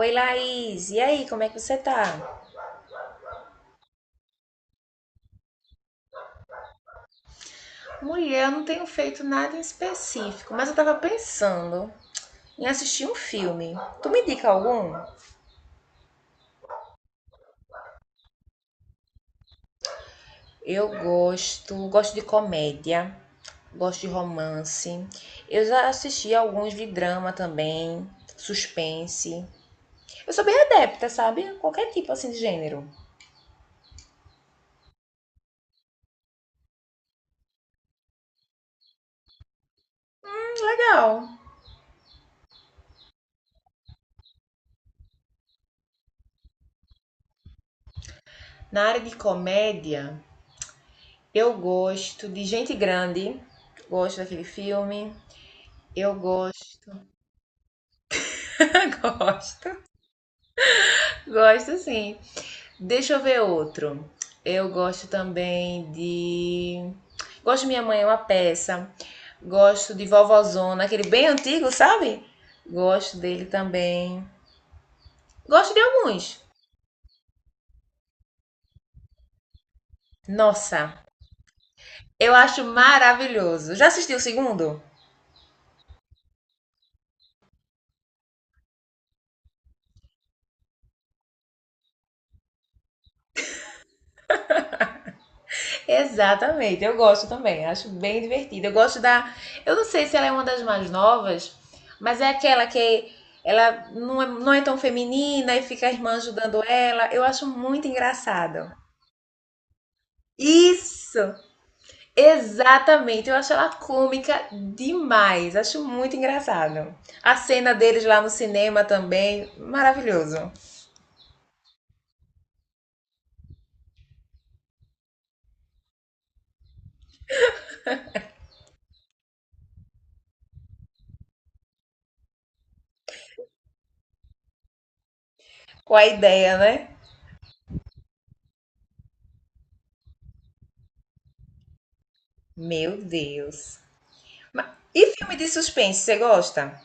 Oi, Laís. E aí, como é que você tá? Mulher, eu não tenho feito nada em específico, mas eu tava pensando em assistir um filme. Tu me indica algum? Eu gosto de comédia, gosto de romance. Eu já assisti alguns de drama também, suspense. Eu sou bem adepta, sabe? Qualquer tipo assim de gênero. Legal. Na área de comédia, eu gosto de Gente Grande, gosto daquele filme. Eu gosto. Gosto. Gosto sim. Deixa eu ver outro. Eu gosto também de. Gosto de Minha Mãe é uma Peça. Gosto de Vovozona, aquele bem antigo, sabe? Gosto dele também. Gosto de alguns. Nossa, eu acho maravilhoso. Já assistiu o segundo? Exatamente, eu gosto também, acho bem divertido. Eu gosto da. Eu não sei se ela é uma das mais novas, mas é aquela que ela não é tão feminina e fica a irmã ajudando ela. Eu acho muito engraçado. Isso! Exatamente, eu acho ela cômica demais, acho muito engraçado. A cena deles lá no cinema também, maravilhoso. Com a ideia, né? Meu Deus. E filme de suspense, você gosta?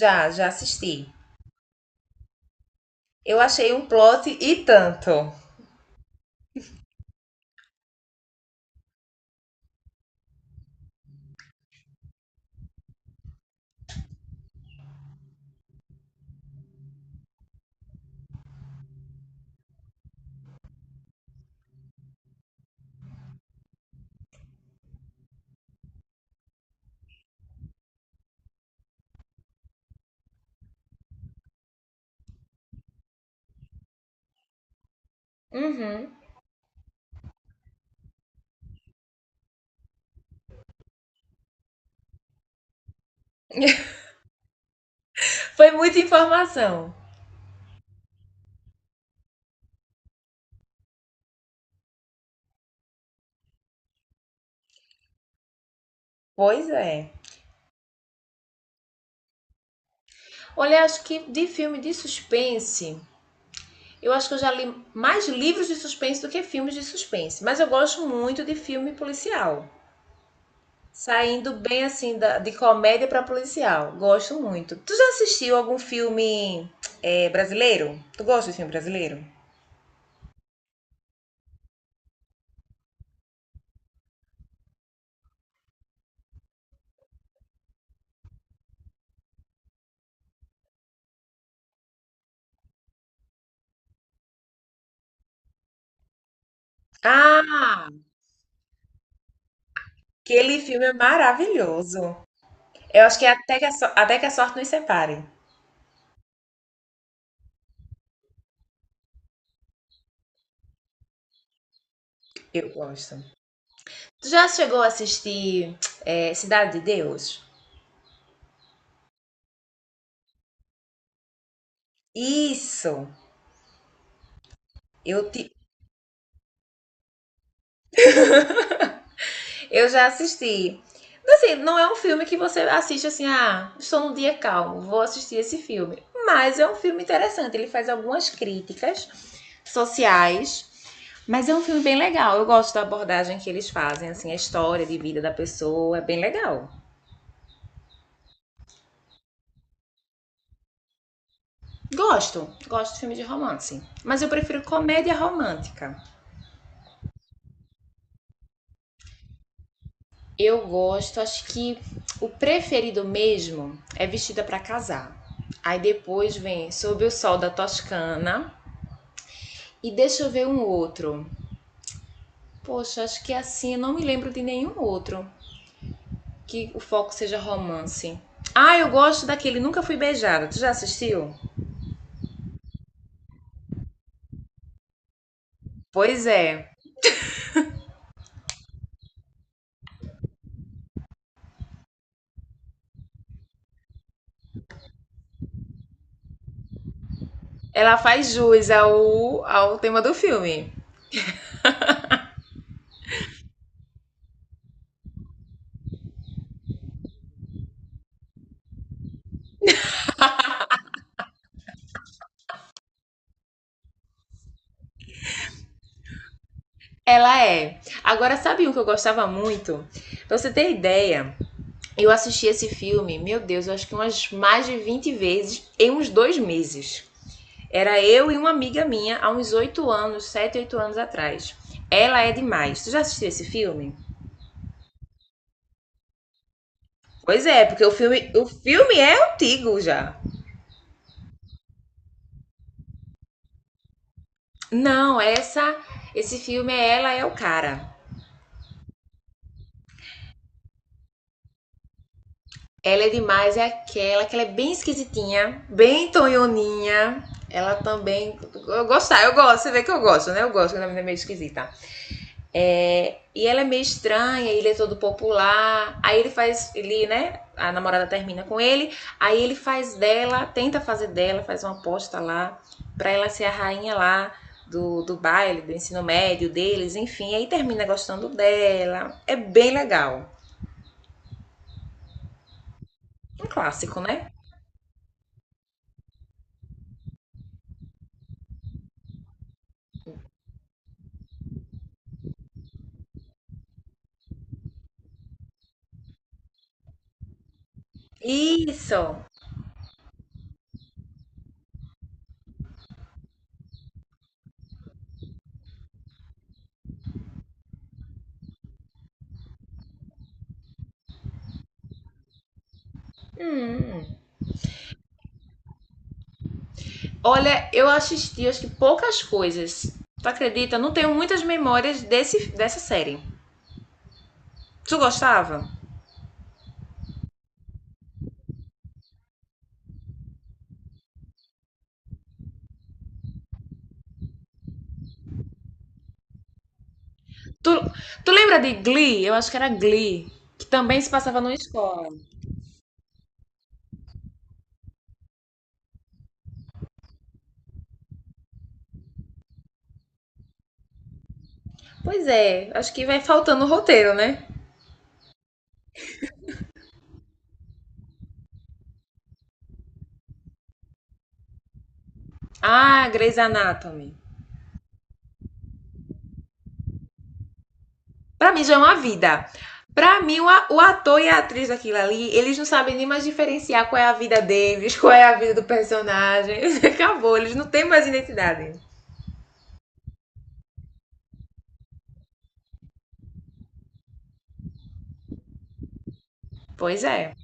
Já assisti. Eu achei um plot e tanto. Uhum. Foi muita informação. Pois é. Olha, acho que de filme de suspense, eu acho que eu já li mais livros de suspense do que filmes de suspense. Mas eu gosto muito de filme policial. Saindo bem assim de comédia pra policial. Gosto muito. Tu já assistiu algum filme brasileiro? Tu gosta de filme brasileiro? Ah! Aquele filme é maravilhoso. Eu acho que é até que até que a sorte nos separe. Eu gosto. Tu já chegou a assistir Cidade de Deus? Isso! Eu te... Eu já assisti. Assim, não é um filme que você assiste assim, ah, estou num dia calmo, vou assistir esse filme. Mas é um filme interessante, ele faz algumas críticas sociais, mas é um filme bem legal. Eu gosto da abordagem que eles fazem, assim, a história de vida da pessoa, é bem legal. Gosto, gosto de filme de romance, mas eu prefiro comédia romântica. Eu gosto, acho que o preferido mesmo é Vestida para Casar. Aí depois vem Sob o Sol da Toscana. E deixa eu ver um outro. Poxa, acho que assim eu não me lembro de nenhum outro que o foco seja romance. Ah, eu gosto daquele Nunca Fui Beijada. Tu já assistiu? Pois é. Ela faz jus ao tema do filme. Ela é. Agora, sabe um que eu gostava muito? Pra você ter ideia, eu assisti esse filme, meu Deus, eu acho que umas mais de 20 vezes em uns 2 meses. Era eu e uma amiga minha há uns 8 anos, 7, 8 anos atrás. Ela é demais. Tu já assistiu esse filme? Pois é, porque o filme é antigo já. Não, essa esse filme é Ela é o Cara. Ela é demais, é aquela que ela é bem esquisitinha, bem tonhoninha. Ela também. Eu gosto, você vê que eu gosto, né? Eu gosto quando a menina é meio esquisita. É, e ela é meio estranha, ele é todo popular. Aí ele faz, ele, né? A namorada termina com ele. Aí ele faz dela, tenta fazer dela, faz uma aposta lá, pra ela ser a rainha lá do baile, do ensino médio deles, enfim. Aí termina gostando dela. É bem legal. Um clássico, né? Isso! Hum. Olha, eu assisti acho que poucas coisas. Tu acredita? Não tenho muitas memórias dessa série. Tu gostava? Tu, tu lembra de Glee? Eu acho que era Glee, que também se passava numa escola. Pois é, acho que vai faltando o roteiro, né? Ah, Grey's Anatomy. Pra mim já é uma vida. Pra mim, o ator e a atriz daquilo ali, eles não sabem nem mais diferenciar qual é a vida deles, qual é a vida do personagem. Acabou, eles não têm mais identidade. Pois é.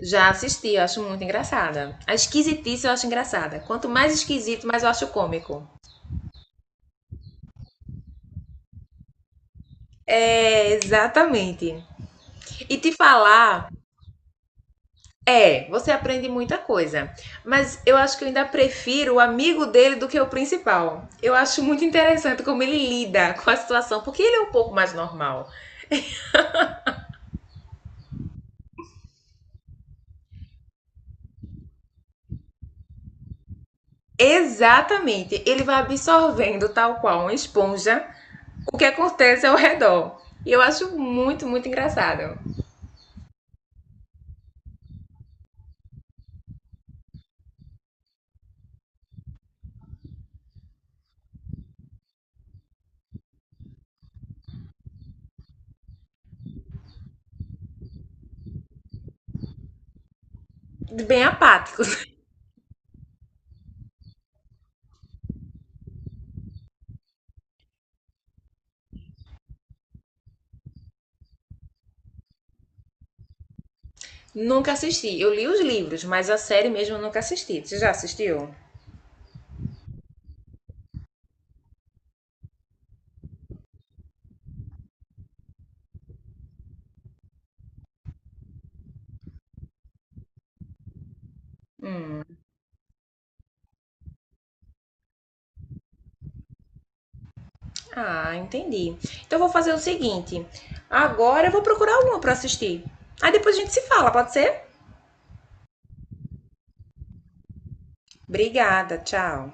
Já assisti, eu acho muito engraçada. A esquisitice eu acho engraçada. Quanto mais esquisito, mais eu acho cômico. É, exatamente. E te falar é, você aprende muita coisa. Mas eu acho que eu ainda prefiro o amigo dele do que o principal. Eu acho muito interessante como ele lida com a situação, porque ele é um pouco mais normal. Exatamente, ele vai absorvendo, tal qual uma esponja, o que acontece ao redor. E eu acho muito, muito engraçado. Bem apáticos. Nunca assisti. Eu li os livros, mas a série mesmo eu nunca assisti. Você já assistiu? Ah, entendi. Então eu vou fazer o seguinte. Agora eu vou procurar uma para assistir. Aí depois a gente se fala, pode ser? Obrigada, tchau.